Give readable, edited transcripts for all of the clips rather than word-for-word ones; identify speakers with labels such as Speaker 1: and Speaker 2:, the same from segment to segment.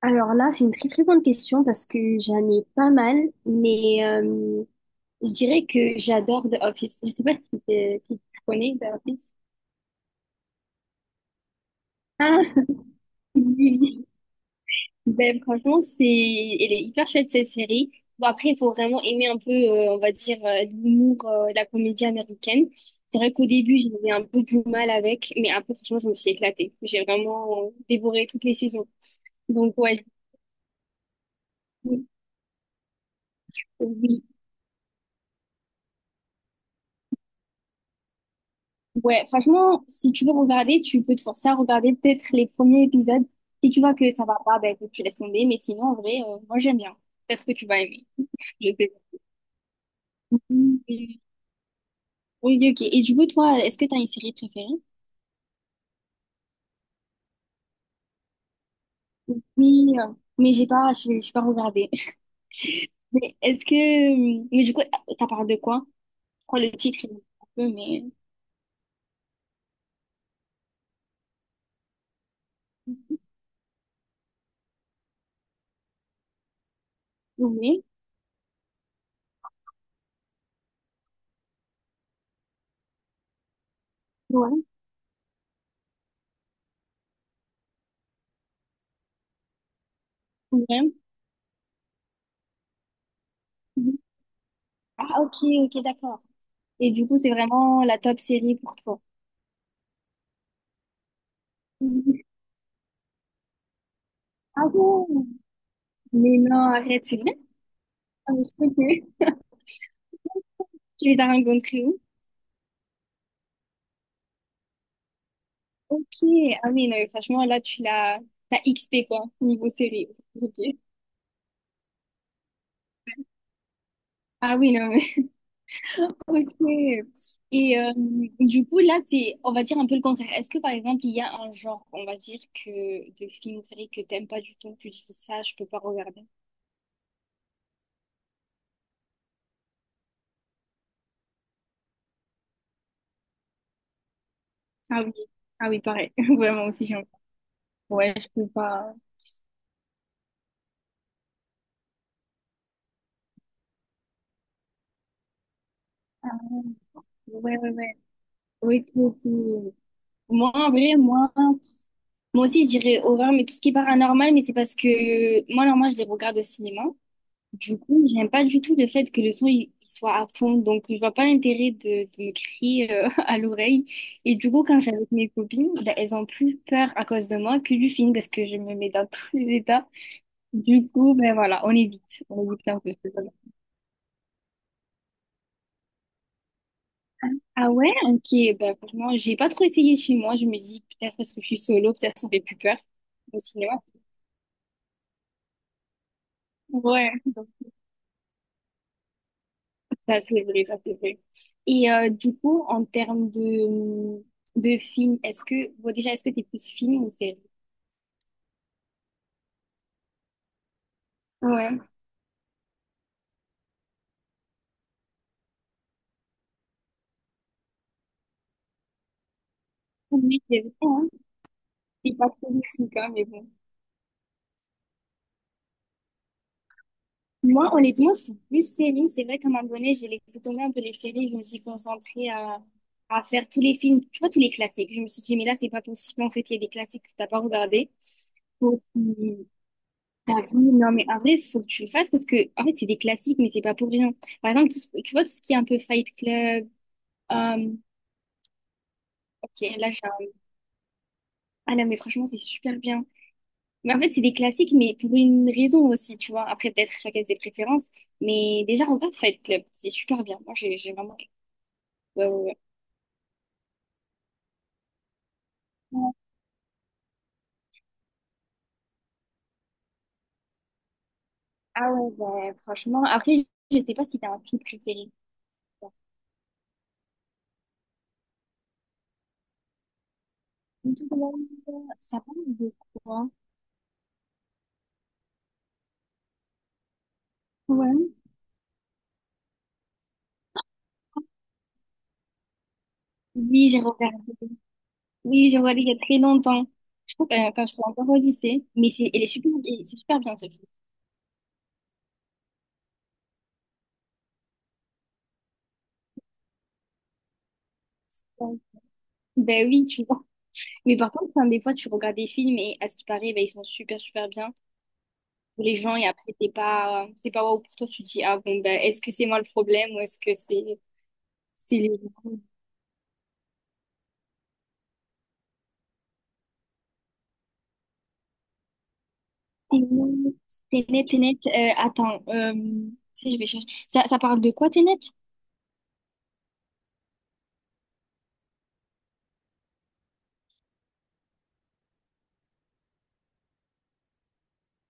Speaker 1: Alors là, c'est une très très bonne question parce que j'en ai pas mal, mais je dirais que j'adore The Office. Je sais pas si, si tu connais The Office. Ah, oui, oui. Ben, franchement, c'est, elle est hyper chouette cette série. Bon, après, il faut vraiment aimer un peu, on va dire, l'humour, la comédie américaine. C'est vrai qu'au début, j'avais un peu du mal avec, mais après, franchement, je me suis éclatée. J'ai vraiment dévoré toutes les saisons. Donc, ouais, oui, oui. Ouais, franchement, si tu veux regarder, tu peux te forcer à regarder peut-être les premiers épisodes. Si tu vois que ça va pas, ben écoute, tu laisses tomber. Mais sinon, en vrai, moi j'aime bien. Peut-être que tu vas aimer. Je sais pas. Mm. Oui, ok. Et du coup, toi, est-ce que t'as une série préférée? Oui, mais j'ai pas, j'ai pas regardé. Mais est-ce que, mais du coup, ça parle de quoi? Je crois que le titre, il est un peu, mais oui, ouais, ouais. Mhm. Ah, ok, ok, d'accord. Et du coup, c'est vraiment la top série pour toi. Mhm. Ah bon? Mais non, arrête, c'est vrai? Ah, mais je sais que tu les as rencontrés où? Ok, ah oui, non, mais franchement, là, tu l'as t'as XP, quoi, niveau série. Ok. Ah oui, non, mais... Ok. Et du coup, là, c'est, on va dire un peu le contraire. Est-ce que, par exemple, il y a un genre, on va dire, que de films ou séries que t'aimes pas du tout, tu dis ça, je peux pas regarder? Ah oui, ah oui, pareil. Vraiment aussi, j'en... Ouais, je peux pas... Ouais, ouais, ouais. Ok, ok. Moi, en vrai, moi... Moi aussi, je dirais horreur, mais tout ce qui est paranormal, mais c'est parce que moi, normalement, je les regarde au cinéma. Du coup, j'aime pas du tout le fait que le son il soit à fond, donc je vois pas l'intérêt de me crier à l'oreille. Et du coup, quand je suis avec mes copines, ben, elles ont plus peur à cause de moi que du film parce que je me mets dans tous les états. Du coup, ben voilà, on évite un peu ce genre. Ah ouais, ok, ben franchement, j'ai pas trop essayé chez moi. Je me dis peut-être parce que je suis solo, peut-être ça fait plus peur au cinéma. Ouais. Ça, c'est vrai, ça, c'est vrai. Et du coup, en termes de films, est-ce que, bon, déjà, est-ce que t'es plus film ou série? Ouais. Oui, c'est vrai, hein. C'est pas trop luxique, hein, mais bon. Moi, honnêtement, je suis plus série. C'est vrai qu'à un moment donné, j'ai laissé tomber un peu les séries. Je me suis concentrée à faire tous les films, tu vois, tous les classiques. Je me suis dit, mais là, c'est pas possible. En fait, il y a des classiques que t'as pas regardé. Faut aussi- T'as vu, non, mais en vrai, faut que tu le fasses parce que, en fait, c'est des classiques, mais c'est pas pour rien. Par exemple, tu vois, tout ce qui est un peu Fight Club, Euh, ok, ah non, mais franchement, c'est super bien. Mais en fait, c'est des classiques, mais pour une raison aussi, tu vois. Après, peut-être chacun ses préférences. Mais déjà, regarde Fight Club, c'est super bien. Moi, j'ai vraiment... Ouais, ouais, ouais. Ah ouais, bah, franchement. Après, je sais pas si t'as un film préféré. Tout le monde, ça parle de quoi? Ouais. Oui, j'ai regardé. Oui, j'ai regardé il y a très longtemps. Je crois que quand j'étais encore au lycée. Mais c'est, elle est super, et c'est super bien ce film. Ouais. Ben oui, tu vois. Mais par contre, enfin, des fois, tu regardes des films et à ce qui paraît, ben, ils sont super, super bien pour les gens et après, t'es pas, c'est pas waouh pour toi. Tu te dis, ah bon, ben, est-ce que c'est moi le problème ou est-ce que c'est les gens? T'es net, T'es net. Attends, tu sais, je vais chercher. Ça parle de quoi, t'es net?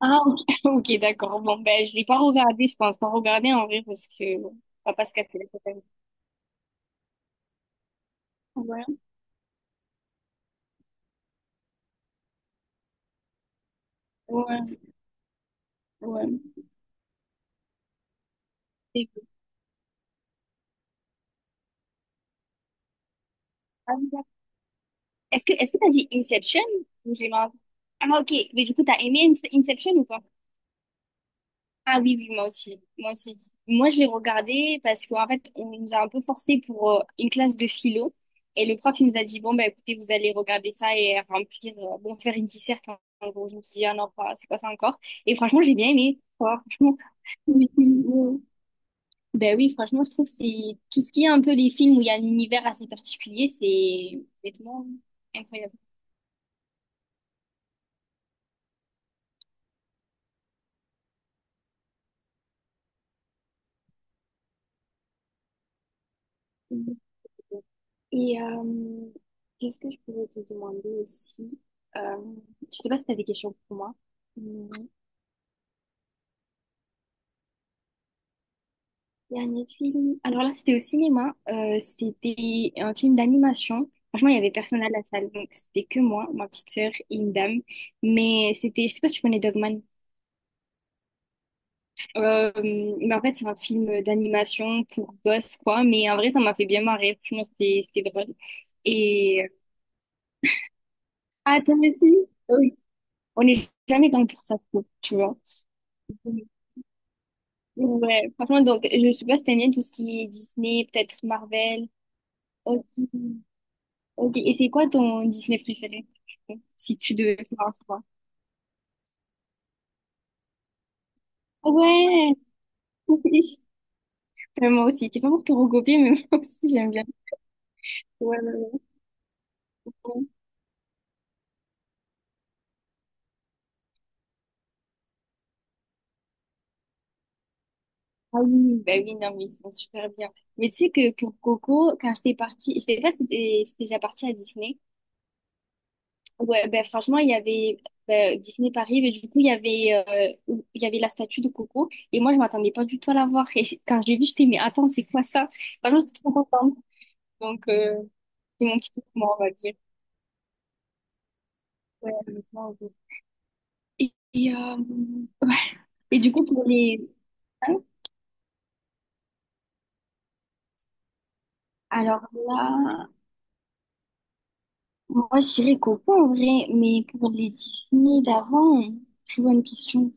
Speaker 1: Ah, ok, ok, d'accord. Bon, ben, je l'ai pas regardé, je pense pas regarder en vrai parce que bon, on va pas se casser la tête avec. Ouais, ouais, ouais. Et- ah, d'accord. Est-ce que t'as dit Inception ou j'ai mal? Ah, ok, mais du coup, t'as aimé Inception ou pas? Ah oui, oui, moi aussi. Moi aussi. Moi, je l'ai regardé parce qu'en fait, on nous a un peu forcé pour une classe de philo. Et le prof, il nous a dit, bon, bah, écoutez, vous allez regarder ça et remplir, bon, faire une disserte. En gros, je me suis dit, ah non, pas, c'est pas ça encore. Et franchement, j'ai bien aimé. Quoi. Franchement, je me suis dit, ouais. Ben oui, franchement, je trouve que c'est tout ce qui est un peu les films où il y a un univers assez particulier, c'est honnêtement incroyable. Et qu'est-ce que je pourrais te demander aussi? Euh, je sais pas si tu as des questions pour moi. Hum, Dernier film. Alors là, c'était au cinéma. C'était un film d'animation. Franchement, il y avait personne à la salle, donc c'était que moi, ma petite sœur et une dame. Mais c'était, je sais pas si tu connais Dogman. Mais en fait, c'est un film d'animation pour gosses, quoi. Mais en vrai, ça m'a fait bien marrer. Franchement, c'était drôle. Et ah, toi aussi? Oui. On n'est jamais dans pour ça, je trouve, tu vois. Ouais, franchement, donc, je sais pas si t'aimes bien tout ce qui est Disney, peut-être Marvel. Ok. Ok, et c'est quoi ton Disney préféré? Si tu devais faire un choix. Ouais, oui. Moi aussi, c'est pas pour te recopier, mais moi aussi j'aime bien. Ouais, ouais, ouais. Ah oui, bah oui, non, mais ils sont super bien. Mais tu sais que pour Coco, quand j'étais partie, je sais pas si t'es si t'es déjà partie à Disney, ouais, ben franchement, il y avait ben, Disney Paris, mais du coup, il y avait la statue de Coco. Et moi, je m'attendais pas du tout à la voir. Et quand je l'ai vue, j'étais, mais attends, c'est quoi ça? Franchement, j'étais trop contente. Donc, c'est mon petit moment, on va dire. Ouais, honnêtement, oui. Et, ouais. Et du coup, pour les. Hein. Alors là, moi, je dirais Coco en vrai, mais pour les Disney d'avant, très bonne question.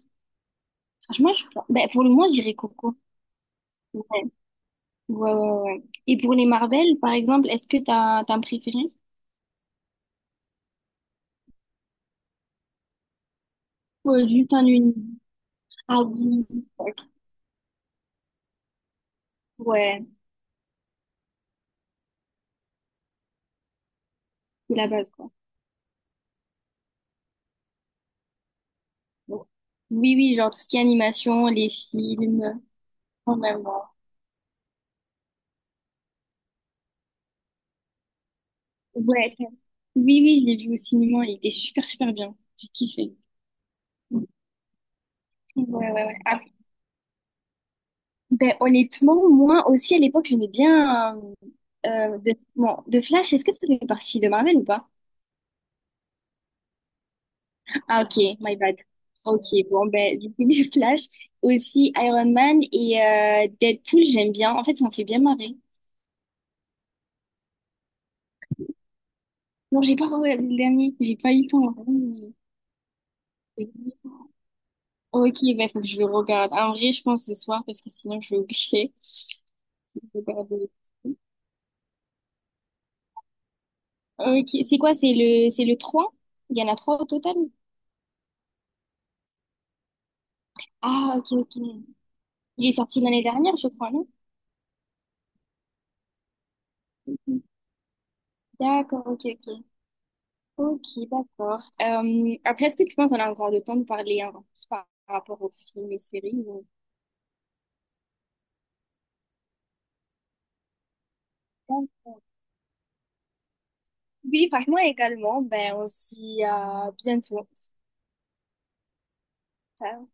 Speaker 1: Franchement, je... ben, pour le moment, je dirais Coco. Ouais. Ouais, ouais, ouais. Et pour les Marvel, par exemple, est-ce que t'as, t'as un préféré? Ou juste un univers? Ah oui, ok. Ouais, c'est la base, quoi. Bon. Oui, oui, genre tout ce qui est animation, les films, quand même. Ouais. Ouais. Oui, oui, je l'ai vu au cinéma, il était super, super bien. J'ai kiffé. Ouais, ouais, ouais. Ah, ben, honnêtement, moi aussi, à l'époque, j'aimais bien de Flash. Est-ce que ça fait partie de Marvel ou pas? Ah ok, my bad. Ok, bon ben du coup les Flash, aussi Iron Man et Deadpool j'aime bien. En fait ça me fait bien marrer. Non j'ai pas regardé le dernier, j'ai pas eu le temps vraiment, mais- ok, ben faut que je le regarde. En vrai je pense ce soir parce que sinon je vais oublier de regarder. Ok, c'est quoi? C'est le 3. Il y en a 3 au total? Ah ok ok. Il est sorti l'année dernière je crois, non? D'accord, ok ok. Ok, d'accord. Après, est-ce que tu penses qu'on a encore le temps de parler un peu plus par rapport aux films et séries ou- oui, franchement, également. Ben, on se dit à bientôt. Ciao.